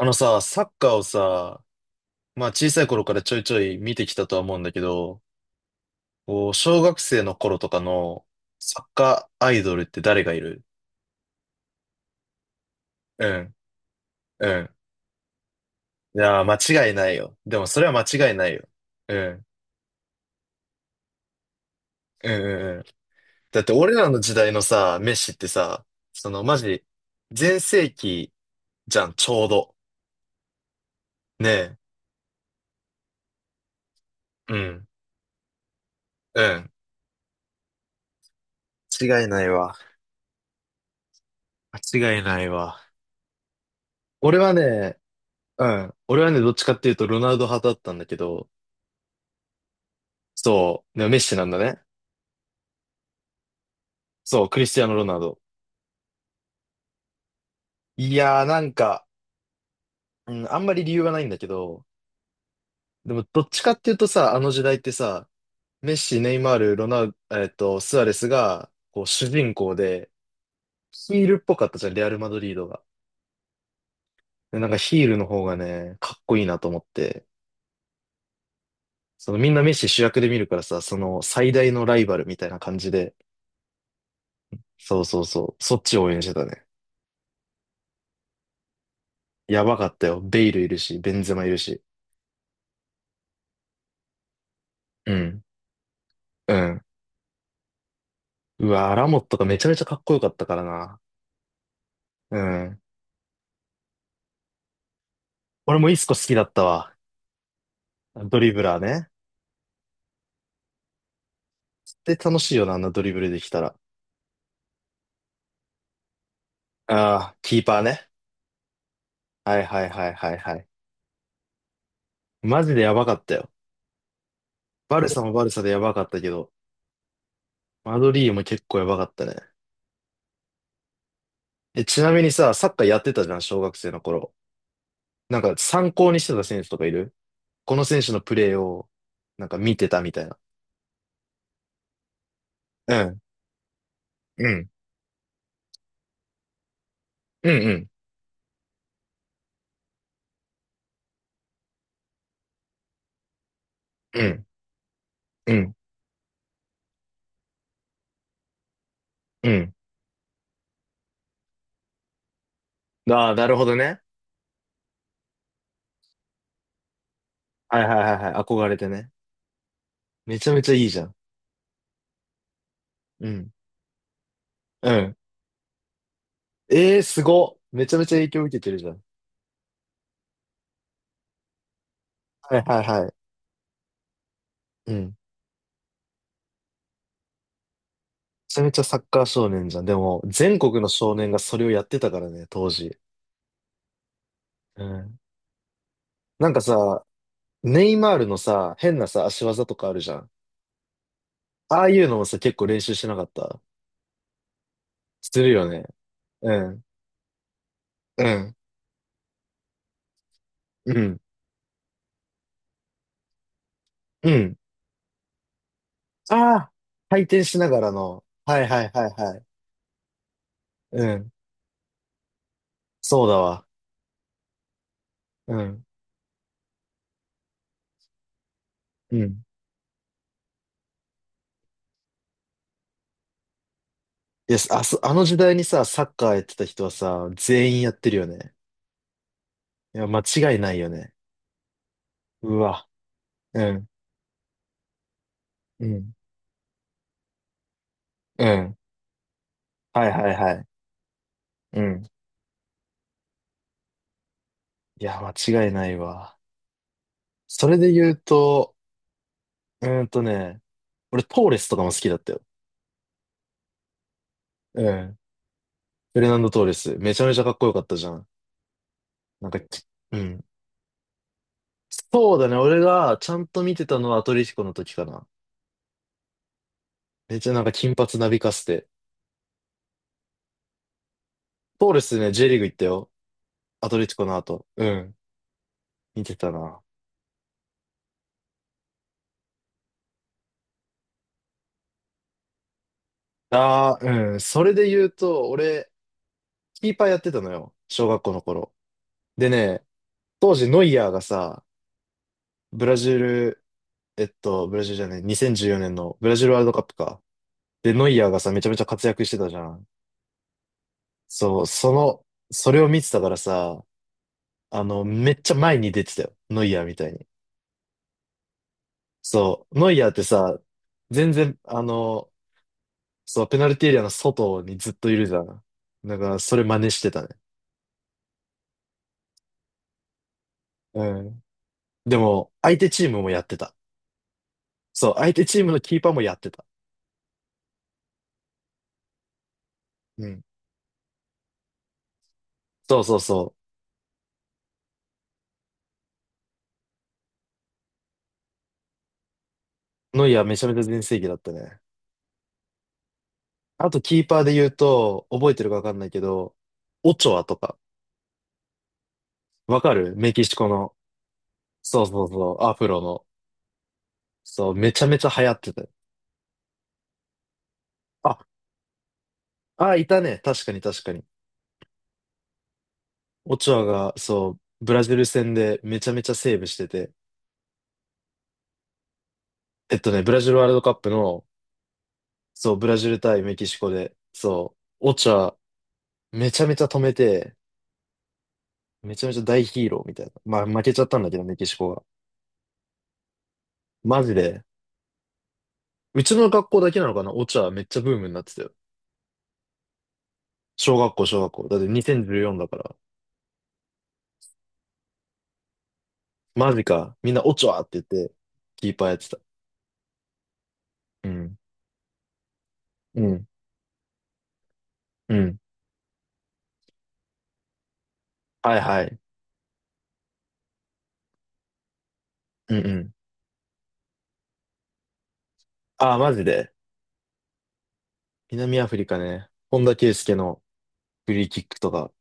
あのさ、サッカーをさ、まあ小さい頃からちょいちょい見てきたとは思うんだけど、こう小学生の頃とかのサッカーアイドルって誰がいる？うん、うん。いやー、間違いないよ。でもそれは間違いないよ。うん、うん、うん、うん。だって俺らの時代のさ、メッシってさ、そのマジ、全盛期じゃん、ちょうど。ねえ。うん、うん。間違いないわ。間違いないわ。俺はね、うん。俺はね、どっちかっていうとロナウド派だったんだけど、そう、でもメッシなんだね。そう、クリスティアーノ・ロナウド。いやー、なんか、うん、あんまり理由はないんだけど、でもどっちかっていうとさ、あの時代ってさ、メッシ、ネイマール、ロナウ、えっと、スアレスが、こう、主人公で、ヒールっぽかったじゃん、レアル・マドリードが。で、なんかヒールの方がね、かっこいいなと思って、そのみんなメッシ主役で見るからさ、その最大のライバルみたいな感じで、そうそうそう、そっちを応援してたね。やばかったよ。ベイルいるし、ベンゼマいるし。うん。うん。うわ、ラモットがめちゃめちゃかっこよかったからな。うん。俺もイスコ好きだったわ。ドリブラーね。で、楽しいよな、あんなドリブルできたら。ああ、キーパーね。はいはいはいはいはい。マジでやばかったよ。バルサもバルサでやばかったけど、マドリーも結構やばかったね。え、ちなみにさ、サッカーやってたじゃん、小学生の頃。なんか参考にしてた選手とかいる？この選手のプレーを、なんか見てたみたいな。うん、うん、うん、うん、うん、うん、うん。ああ、なるほどね。はいはいはいはい。憧れてね。めちゃめちゃいいじゃん。うん。うん。えー、すごっ。めちゃめちゃ影響受けてるじゃん。はいはいはい。うん。めちゃめちゃサッカー少年じゃん。でも、全国の少年がそれをやってたからね、当時。うん。なんかさ、ネイマールのさ、変なさ、足技とかあるじゃん。ああいうのもさ、結構練習してなかった？するよね。うん。うん。うん。うん。ああ、回転しながらの。はいはいはいはい。うん。そうだわ。うん。うん。いや、あそ、あの時代にさ、サッカーやってた人はさ、全員やってるよね。いや、間違いないよね。うわ。うん。うん。うん。はいはいはい。うん。いや、間違いないわ。それで言うと、うーんとね、俺トーレスとかも好きだったよ。うん。フレナンド・トーレス。めちゃめちゃかっこよかったじゃん。なんかき、うん。そうだね。俺がちゃんと見てたのはアトレティコの時かな。めっちゃなんか金髪なびかせて。トーレスね、J リーグ行ったよ。アトレティコの後。うん。見てたな。ああ、うん。それで言うと、俺、キーパーやってたのよ。小学校の頃。でね、当時ノイアーがさ、ブラジル、ブラジルじゃない、2014年のブラジルワールドカップか。で、ノイアーがさ、めちゃめちゃ活躍してたじゃん。そう、その、それを見てたからさ、あの、めっちゃ前に出てたよ。ノイアーみたいに。そう、ノイアーってさ、全然、あの、そう、ペナルティーエリアの外にずっといるじゃん。だから、それ真似してたね。うん。でも、相手チームもやってた。そう、相手チームのキーパーもやってた。うん。そうそうそう。ノイアーめちゃめちゃ全盛期だったね。あと、キーパーで言うと、覚えてるかわかんないけど、オチョアとか、わかるメキシコの。そうそうそう、アフロの。そう、めちゃめちゃ流行ってたよ。あ、あ、いたね。確かに確かに。オチョアが、そう、ブラジル戦でめちゃめちゃセーブしてて。ブラジルワールドカップの、そう、ブラジル対メキシコで、そう、オチョアめちゃめちゃ止めて、めちゃめちゃ大ヒーローみたいな。まあ、負けちゃったんだけど、メキシコが。マジで。うちの学校だけなのかな？オチャめっちゃブームになってたよ。小学校、小学校。だって2014だから。マジか。みんなオチャって言って、キーパーやってた。うん。うん。うん。はいはい。うんうん。ああ、マジで。南アフリカね。本田圭佑のフリーキックとか。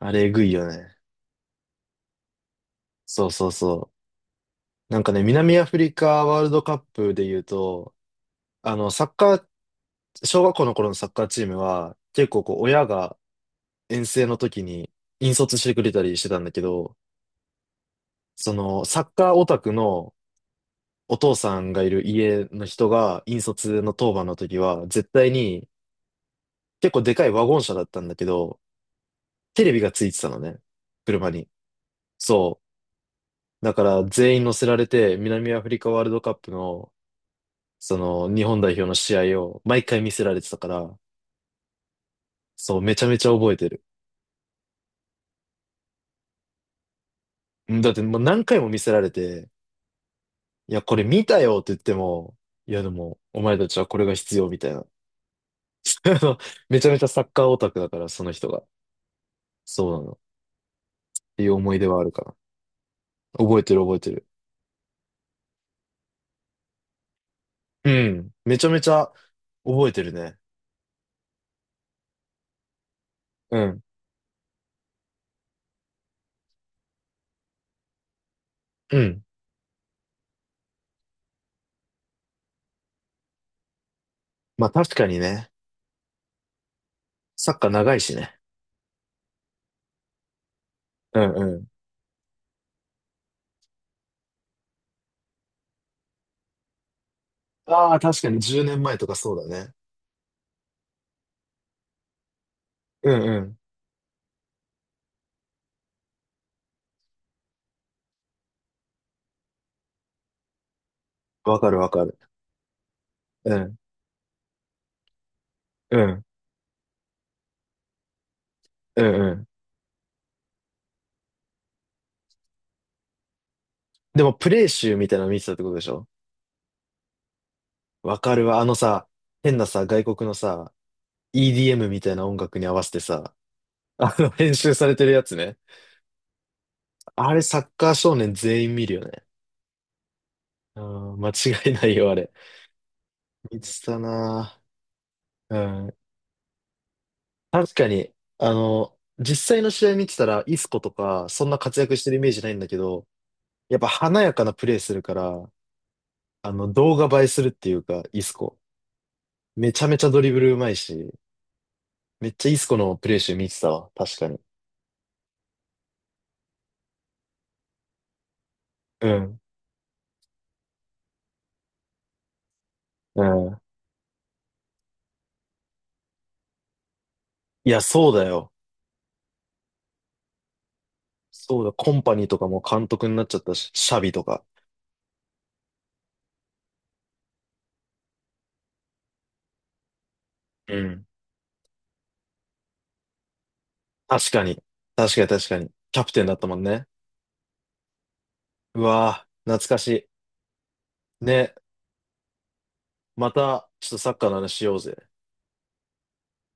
あれ、えぐいよね。そうそうそう。なんかね、南アフリカワールドカップで言うと、あの、サッカー、小学校の頃のサッカーチームは、結構こう、親が遠征の時に引率してくれたりしてたんだけど、そのサッカーオタクのお父さんがいる家の人が引率の当番の時は絶対に結構でかいワゴン車だったんだけど、テレビがついてたのね。車に。そう。だから全員乗せられて南アフリカワールドカップのその日本代表の試合を毎回見せられてたから、そう、めちゃめちゃ覚えてる。うんだってもう何回も見せられて、いや、これ見たよって言っても、いやでも、お前たちはこれが必要みたいな。あのめちゃめちゃサッカーオタクだから、その人が。そうなの。っていう思い出はあるかな。覚えてる覚えてる。うん。めちゃめちゃ覚えてるね。うん。うん。まあ確かにね。サッカー長いしね。うんうん。ああ、確かに10年前とかそうだね。うんうん。わかるわかる。うん。うん。うんうん。でもプレイ集みたいなの見てたってことでしょ？わかるわ。あのさ、変なさ、外国のさ、EDM みたいな音楽に合わせてさ、あの、編集されてるやつね。あれ、サッカー少年全員見るよね。うん、間違いないよ、あれ。見てたなぁ。うん。確かに、あの、実際の試合見てたら、イスコとか、そんな活躍してるイメージないんだけど、やっぱ華やかなプレーするから、あの、動画映えするっていうか、イスコ。めちゃめちゃドリブルうまいし、めっちゃイスコのプレー集見てたわ、確かに。うん。うん。いや、そうだよ。そうだ、コンパニーとかも監督になっちゃったし、シャビとか。うん。確かに。確かに確かに。キャプテンだったもんね。うわぁ、懐かしい。ね、また、ちょっとサッカーの話しようぜ。